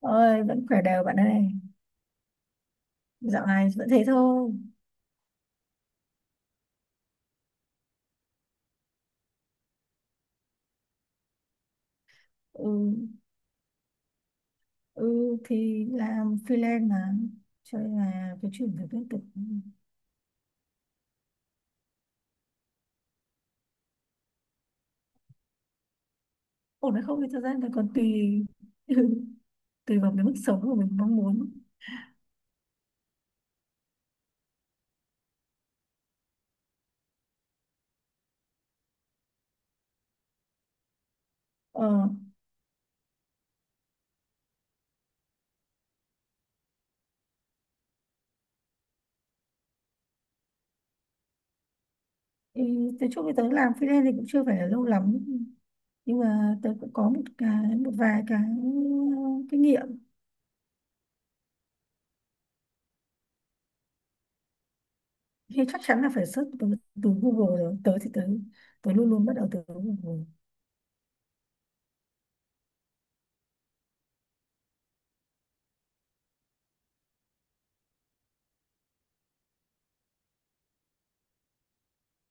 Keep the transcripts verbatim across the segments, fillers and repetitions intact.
Ơi, vẫn khỏe đều bạn ơi. Dạo này vẫn thế thôi. Ừ, ừ thì làm freelance mà, cho nên là cái chuyển việc liên tục. Ổn hay không thì thật ra là còn tùy. Tùy vào cái mức sống của mình mong muốn. ờ thì tới chỗ thì tớ làm freelance thì cũng chưa phải là lâu lắm, nhưng mà tớ cũng có một cái một vài cái ừ, kinh nghiệm. Thì chắc chắn là phải search từ, từ Google rồi. Tớ thì tớ tớ luôn luôn bắt đầu từ Google.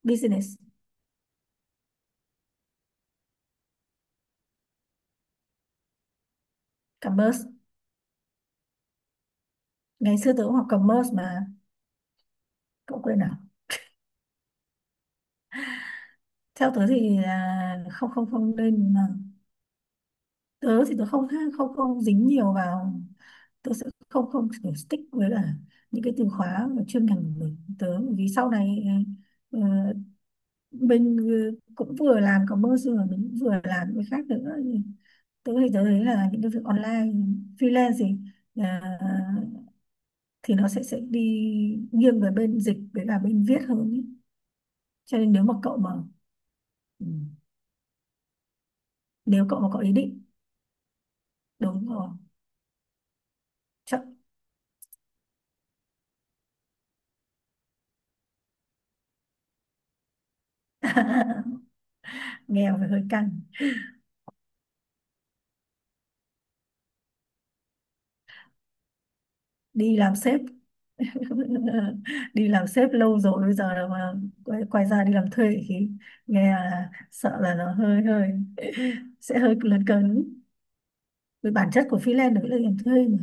Business. Commerce. Ngày xưa tớ cũng học commerce mà. Cậu quên à? Theo tớ thì là không không không nên mà. Tớ thì tớ không không không dính nhiều vào. Tớ sẽ không không kiểu stick với là những cái từ khóa và chuyên ngành của mình. Tớ vì sau này à, ờ, mình cũng vừa làm commerce rồi mình cũng vừa làm những cái khác nữa. Tớ thì tớ thấy là những cái việc online freelance thì à, thì nó sẽ sẽ đi nghiêng về bên dịch với cả bên viết hơn ý. Cho nên nếu mà cậu mà ừ, nếu cậu mà có ý định, đúng rồi, chắc. Nghèo phải hơi căng. Đi làm sếp. Đi làm sếp lâu rồi bây giờ là mà quay, quay ra đi làm thuê thì nghe là sợ là nó hơi hơi sẽ hơi lấn cấn. Với bản chất của freelance đấy là làm thuê mà.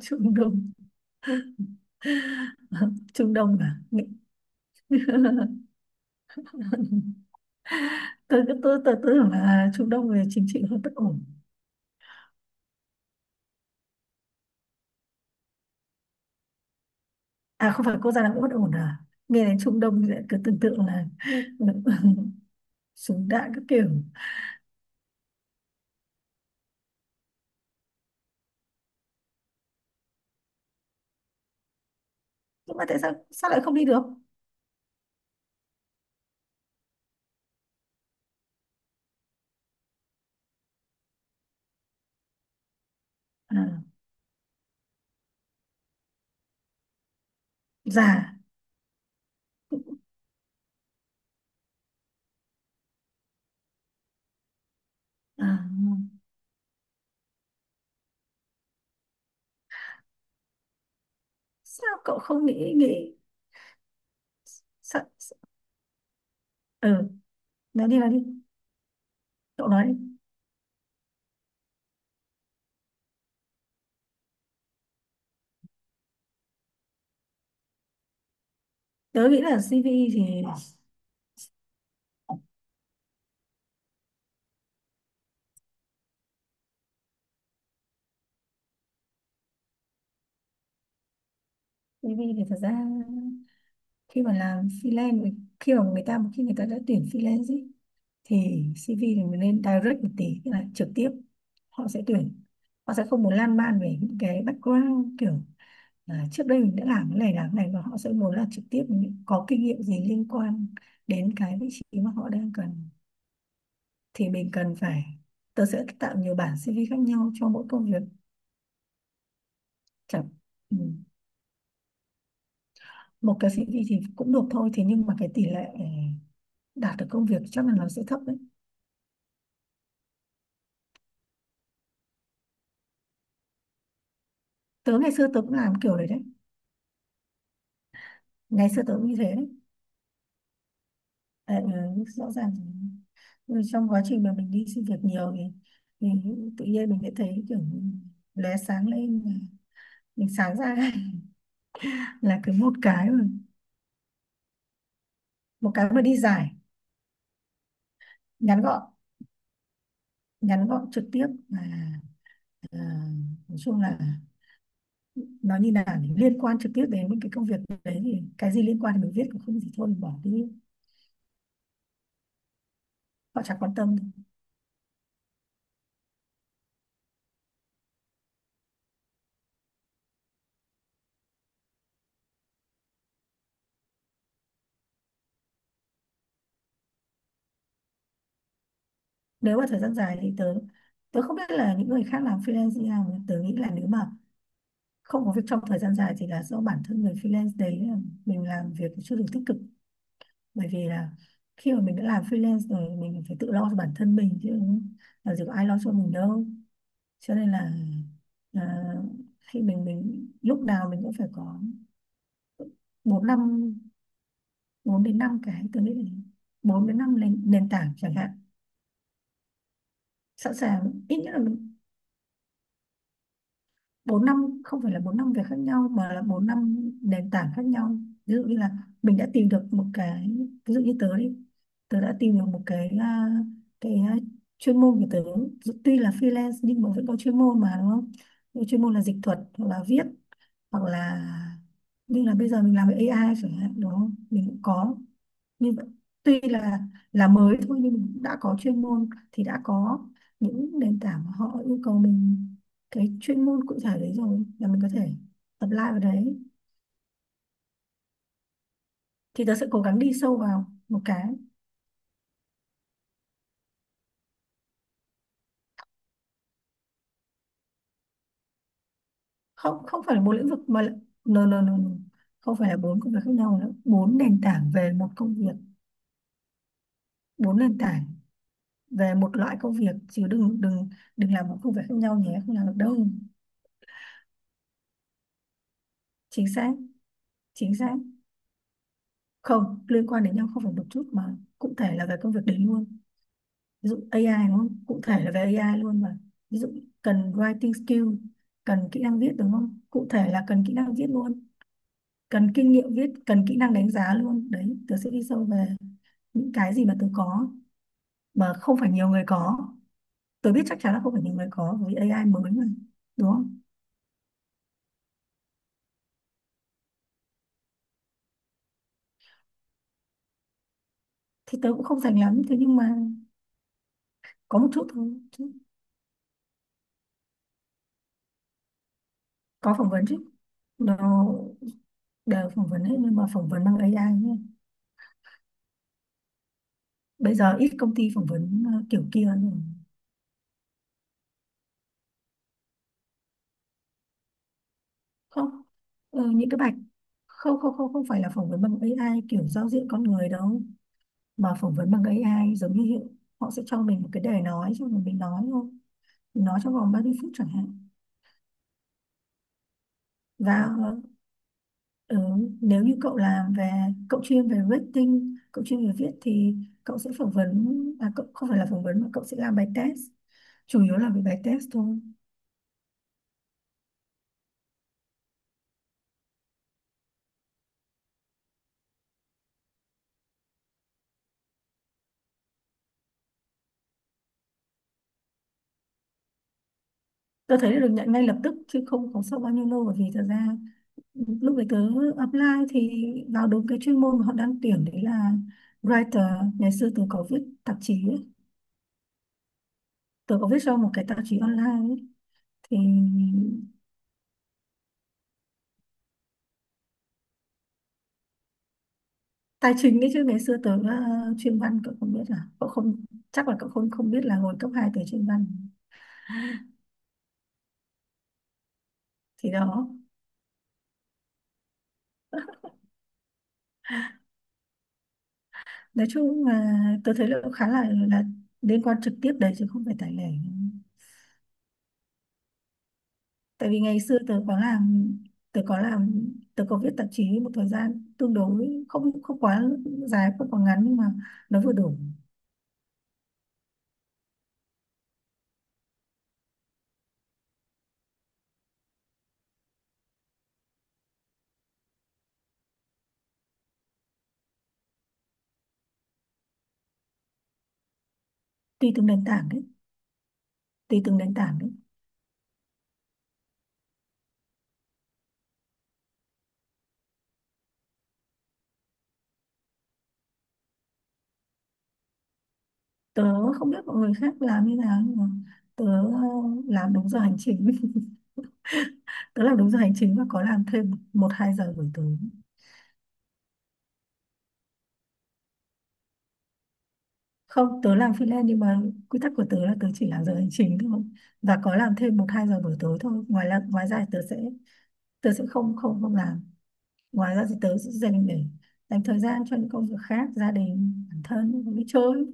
Trung Đông. Trung Đông mà nghĩ- tôi cứ tôi tôi tưởng là Trung Đông về chính trị hơi bất ổn. À, không phải quốc gia đang bất ổn à? Nghe đến Trung Đông thì lại cứ tưởng tượng là súng đạn các kiểu. Nhưng mà tại sao sao lại không đi được? À, già. À, sao cậu không nghĩ nghĩ? Sao, sao? Ừ. nói đi nói đi cậu nói đi. Tớ nghĩ là xê vê thì xê vê thì thật ra, khi mà làm freelance, khi mà người ta, khi người ta đã tuyển freelance ý, thì xê vê thì mình nên direct một tí, tức là trực tiếp. Họ sẽ tuyển, họ sẽ không muốn lan man về những cái background kiểu à, trước đây mình đã làm cái này làm cái này, và họ sẽ muốn là trực tiếp những- có kinh nghiệm gì liên quan đến cái vị trí mà họ đang cần. Thì mình cần phải, tớ sẽ tạo nhiều bản xê vê khác nhau cho mỗi công việc chẳng, ừ, một cái xê vê thì cũng được thôi, thế nhưng mà cái tỷ lệ đạt được công việc chắc là nó sẽ thấp đấy. Tớ ngày xưa tớ cũng làm kiểu đấy đấy. Ngày xưa tớ cũng như thế đấy. Ờ, ừ, rõ ràng, ừ, trong quá trình mà mình đi xin việc nhiều thì, thì tự nhiên mình sẽ thấy kiểu lóe sáng lên, mình sáng ra. Là cứ một cái mà, một cái mà đi dài, ngắn gọn, ngắn gọn, trực tiếp, và à, nói chung là nó như là liên quan trực tiếp đến những cái công việc đấy, thì cái gì liên quan thì mình viết, cũng không gì thôi mình bỏ đi. Họ chẳng quan tâm. Nếu mà thời gian dài thì tớ tớ không biết là những người khác làm freelance như nào. Tớ nghĩ là nếu mà không có việc trong thời gian dài thì là do bản thân người freelance đấy, ờ, mình làm việc chưa được tích cực, bởi vì là khi mà mình đã làm freelance rồi mình phải tự lo cho bản thân mình chứ, làm gì có ai lo cho mình đâu. Cho nên là à, khi mình mình lúc nào mình cũng phải có bốn năm, bốn đến năm cái, tôi nghĩ là bốn đến năm nền, nền tảng chẳng hạn sẵn sàng. Ít nhất là bốn năm, không phải là bốn năm việc khác nhau mà là bốn năm nền tảng khác nhau. Ví dụ như là mình đã tìm được một cái, ví dụ như tớ đi, tớ đã tìm được một cái à, cái à, chuyên môn của tớ, dù tuy là freelance nhưng mà vẫn có chuyên môn mà, đúng không? Cái chuyên môn là dịch thuật hoặc là viết, hoặc là như là bây giờ mình làm với ây ai chẳng hạn, đúng không, mình cũng có. Nhưng tuy là là mới thôi nhưng mình cũng đã có chuyên môn thì đã có những nền tảng mà họ yêu cầu mình cái chuyên môn cụ thể đấy rồi, là mình có thể apply vào đấy. Thì tớ sẽ cố gắng đi sâu vào một cái. Không, không phải là bốn lĩnh vực mà là, no, no, no, no. Không phải là bốn công việc khác nhau nữa, bốn nền tảng về một công việc, bốn nền tảng về một loại công việc, chứ đừng, đừng đừng làm một công việc khác nhau nhé, không làm được đâu. Chính xác. Chính xác. Không liên quan đến nhau, không phải một chút, mà cụ thể là về công việc đấy luôn. Ví dụ A I đúng không, cụ thể là về A I luôn mà. Ví dụ cần writing skill, cần kỹ năng viết đúng không, cụ thể là cần kỹ năng viết luôn, cần kinh nghiệm viết, cần kỹ năng đánh giá luôn đấy. Tớ sẽ đi sâu về những cái gì mà tớ có mà không phải nhiều người có. Tớ biết chắc chắn là không phải nhiều người có vì A I mới mà, đúng không? Thì tớ cũng không dành lắm, thế nhưng mà có một chút thôi chứ. Có phỏng vấn chứ, nó đều phỏng vấn hết, nhưng mà phỏng vấn bằng A I nhé. Bây giờ ít công ty phỏng vấn ờ, kiểu kia rồi. Không, ờ, những cái bạch, không không không không phải là phỏng vấn bằng A I kiểu giao diện con người đâu, mà phỏng vấn bằng A I giống như hiện, họ sẽ cho mình một cái đề nói, xong rồi mình nói thôi, mình nói trong vòng ba mươi phút chẳng hạn. Và ờ, nếu như cậu làm về, cậu chuyên về rating, cậu chuyên về viết thì cậu sẽ phỏng vấn, à, cậu không phải là phỏng vấn mà cậu sẽ làm bài test, chủ yếu là về bài test thôi. Tôi thấy được nhận ngay lập tức chứ không có sau bao nhiêu lâu, bởi vì thật ra lúc đấy tớ apply thì vào đúng cái chuyên môn mà họ đang tuyển đấy là writer. Ngày xưa tớ có viết tạp chí ấy. Tớ có viết cho một cái tạp chí online ấy. Thì tài chính đấy chứ, ngày xưa tớ uh, chuyên văn, cậu không biết à? Cậu không, chắc là cậu không, không biết là hồi cấp hai tớ chuyên văn. Thì đó, nói chung là tớ thấy là khá là là liên quan trực tiếp đấy chứ không phải tài lẻ. Tại vì ngày xưa tớ có làm, tớ có làm tớ có viết tạp chí một thời gian tương đối, không, không quá dài không quá ngắn, nhưng mà nó vừa đủ. Tùy từng nền tảng đấy. Tùy từng nền tảng đấy. Tớ không biết mọi người khác làm như nào, nhưng mà tớ ờ, làm đúng giờ hành chính. Tớ làm đúng giờ hành chính và có làm thêm một hai giờ buổi tối. Không, tớ làm freelance nhưng mà quy tắc của tớ là tớ chỉ làm giờ hành chính thôi, và có làm thêm một hai giờ buổi tối thôi, ngoài là ngoài ra thì tớ sẽ tớ sẽ không không không làm. Ngoài ra thì tớ sẽ dành để dành thời gian cho những công việc khác, gia đình, bản thân và đi chơi.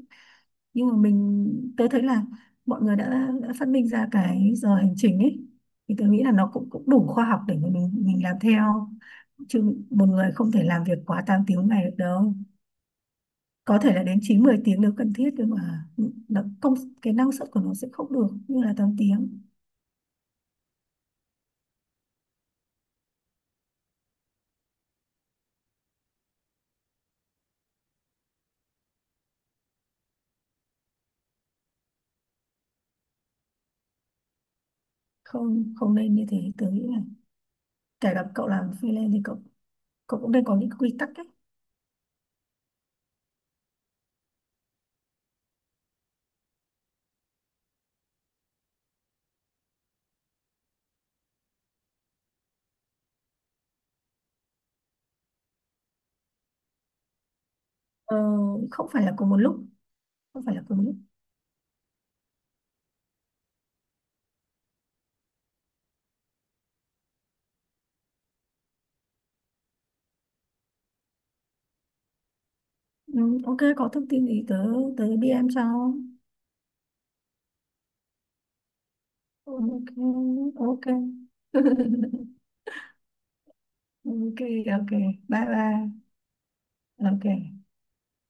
Nhưng mà mình tớ thấy là mọi người đã, đã phát minh ra cái giờ hành trình ấy, thì tớ nghĩ là nó cũng cũng đủ khoa học để mà mình mình làm theo chứ. Một người không thể làm việc quá tám tiếng ngày được đâu, có thể là đến chín mười tiếng nếu cần thiết, nhưng mà nó công cái năng suất của nó sẽ không được như là tám tiếng. Không, không nên như thế. Tớ nghĩ là kể cả cậu làm freelance thì cậu cậu cũng nên có những quy tắc ấy. Ờ, không phải là cùng một lúc. Không phải là cùng một lúc. Ừ, ok, có thông tin gì tớ, tớ đê em sau. Ừ, ok. Ok. Ok. Ok, bye bye. Ok.